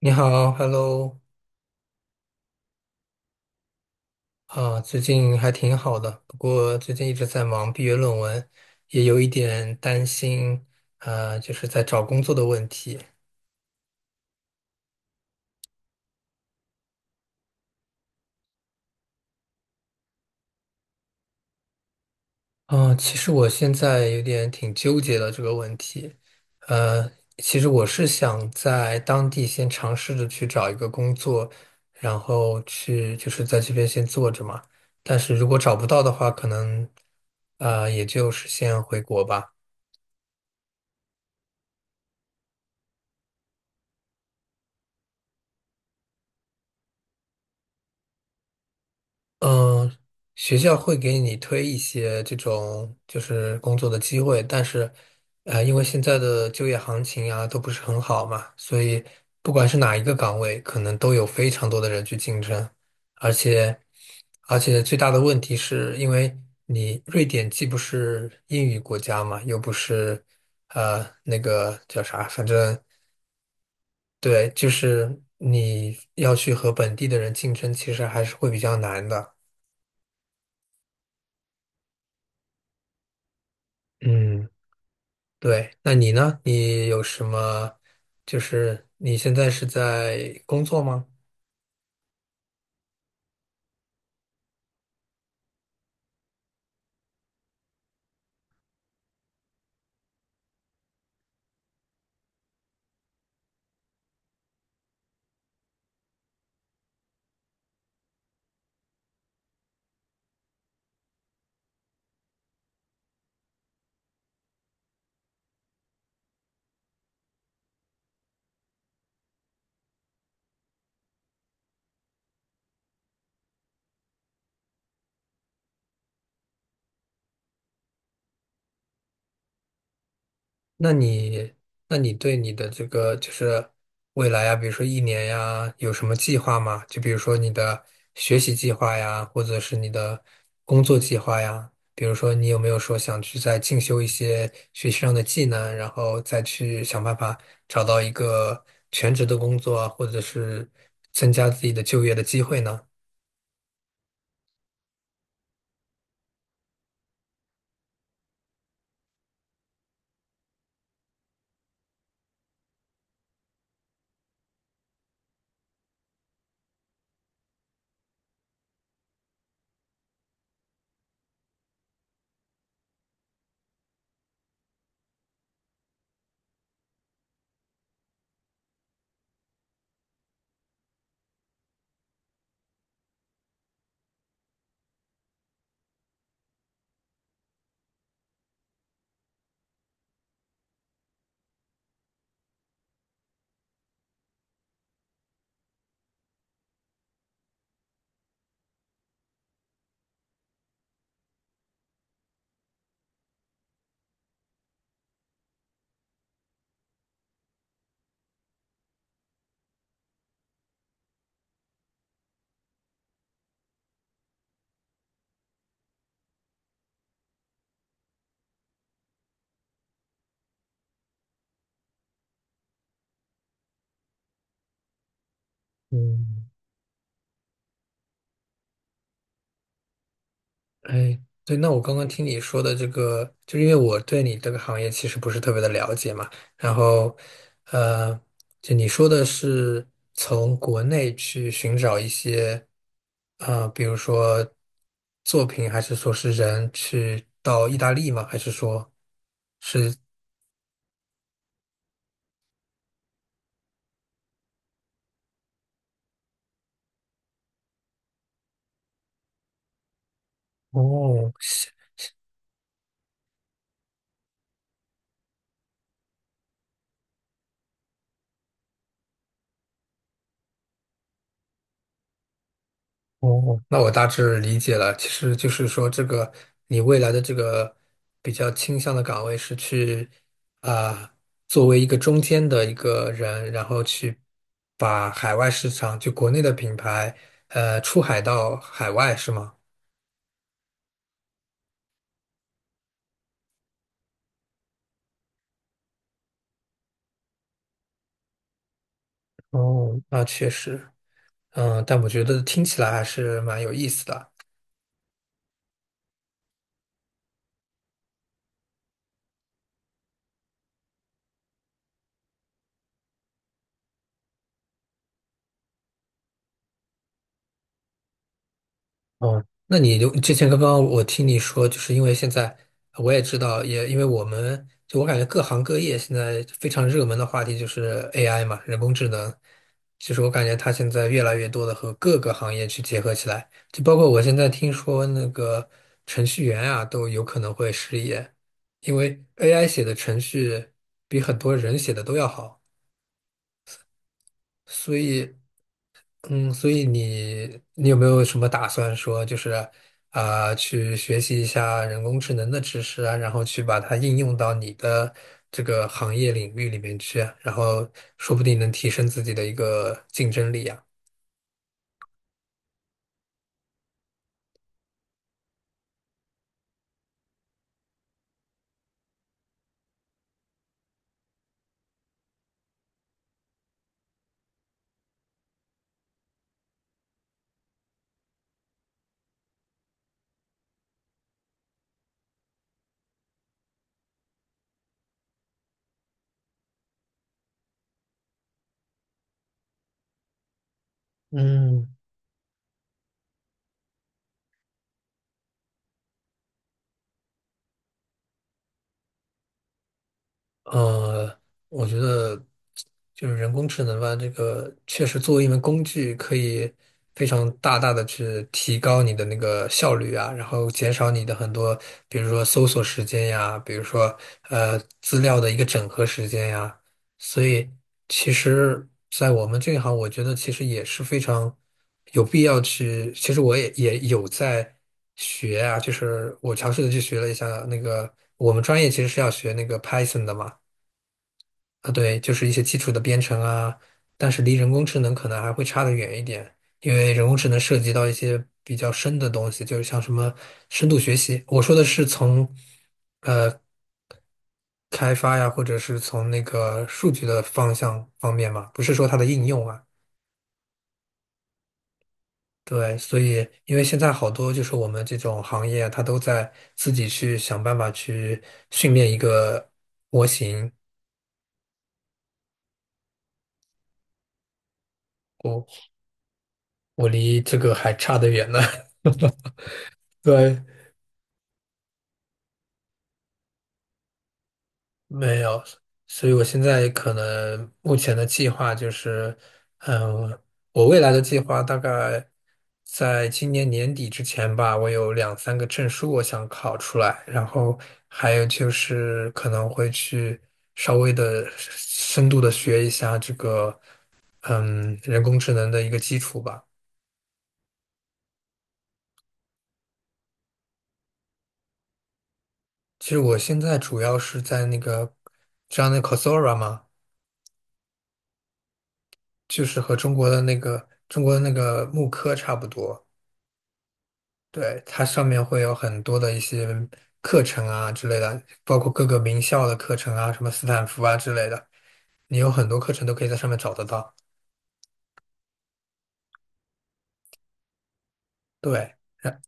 你好，Hello。啊，最近还挺好的，不过最近一直在忙毕业论文，也有一点担心，就是在找工作的问题。啊，其实我现在有点挺纠结的这个问题。呃，其实我是想在当地先尝试着去找一个工作，然后去就是在这边先做着嘛，但是如果找不到的话，可能，也就是先回国吧。嗯，学校会给你推一些这种就是工作的机会，但是，因为现在的就业行情啊都不是很好嘛，所以不管是哪一个岗位，可能都有非常多的人去竞争，而且，而且最大的问题是因为你瑞典既不是英语国家嘛，又不是，那个叫啥，反正对，就是你要去和本地的人竞争，其实还是会比较难的。嗯。对，那你呢？你有什么？就是你现在是在工作吗？那你，那你对你的这个就是未来呀，比如说一年呀，有什么计划吗？就比如说你的学习计划呀，或者是你的工作计划呀。比如说，你有没有说想去再进修一些学习上的技能，然后再去想办法找到一个全职的工作啊，或者是增加自己的就业的机会呢？嗯。哎，对，那我刚刚听你说的这个，就是因为我对你这个行业其实不是特别的了解嘛，然后，呃，就你说的是从国内去寻找一些，啊，比如说作品，还是说是人去到意大利吗？还是说是？哦，哦，那我大致理解了。其实就是说，这个你未来的这个比较倾向的岗位是去啊、作为一个中间的一个人，然后去把海外市场，就国内的品牌，出海到海外，是吗？哦，那确实，嗯，但我觉得听起来还是蛮有意思的。哦，那你就之前刚刚我听你说，就是因为现在我也知道，也因为我们就我感觉各行各业现在非常热门的话题就是 AI 嘛，人工智能。其实我感觉它现在越来越多的和各个行业去结合起来，就包括我现在听说那个程序员啊都有可能会失业，因为 AI 写的程序比很多人写的都要好，所以。嗯，所以你有没有什么打算说，就是啊、去学习一下人工智能的知识啊，然后去把它应用到你的这个行业领域里面去啊然后说不定能提升自己的一个竞争力啊。嗯。呃，我觉得就是人工智能吧，这个确实作为一门工具，可以非常大大的去提高你的那个效率啊，然后减少你的很多，比如说搜索时间呀，比如说资料的一个整合时间呀，所以其实，在我们这一行，我觉得其实也是非常有必要去，其实我也有在。学啊，就是我尝试的去学了一下那个，我们专业其实是要学那个 Python 的嘛，啊，对，就是一些基础的编程啊，但是离人工智能可能还会差得远一点，因为人工智能涉及到一些比较深的东西，就是像什么深度学习。我说的是从开发呀，或者是从那个数据的方向方面嘛，不是说它的应用啊。对，所以因为现在好多就是我们这种行业啊，它都在自己去想办法去训练一个模型，我我离这个还差得远呢。对。没有，所以我现在可能目前的计划就是，嗯，我未来的计划大概在今年年底之前吧，我有两三个证书我想考出来，然后还有就是可能会去稍微的深度的学一下这个，嗯，人工智能的一个基础吧。其实我现在主要是在那个，知道那 Coursera 吗？就是和中国的那个慕课差不多。对，它上面会有很多的一些课程啊之类的，包括各个名校的课程啊，什么斯坦福啊之类的，你有很多课程都可以在上面找得到。对，然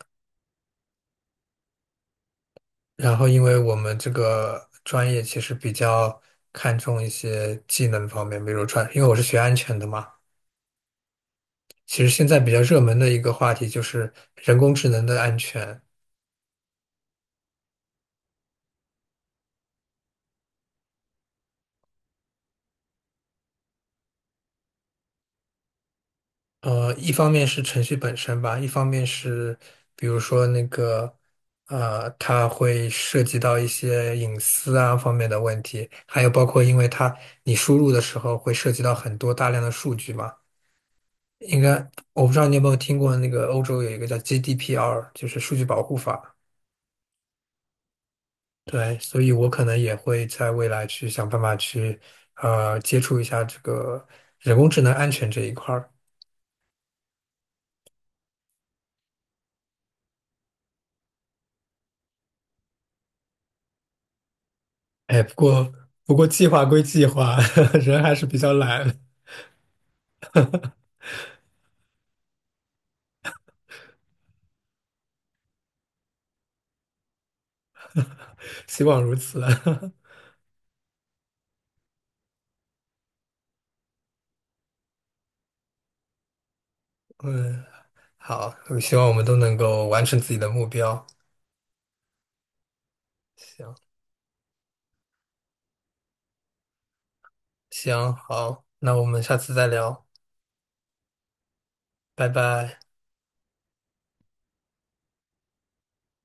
然后因为我们这个专业其实比较看重一些技能方面，比如传，因为我是学安全的嘛，其实现在比较热门的一个话题就是人工智能的安全。一方面是程序本身吧，一方面是比如说那个，它会涉及到一些隐私啊方面的问题，还有包括因为它你输入的时候会涉及到很多大量的数据嘛。应该我不知道你有没有听过那个欧洲有一个叫 GDPR，就是数据保护法。对，所以我可能也会在未来去想办法去，接触一下这个人工智能安全这一块儿。哎，不过计划归计划，人还是比较懒，希望如此。嗯，好，我希望我们都能够完成自己的目标。行，行，好，那我们下次再聊，拜拜。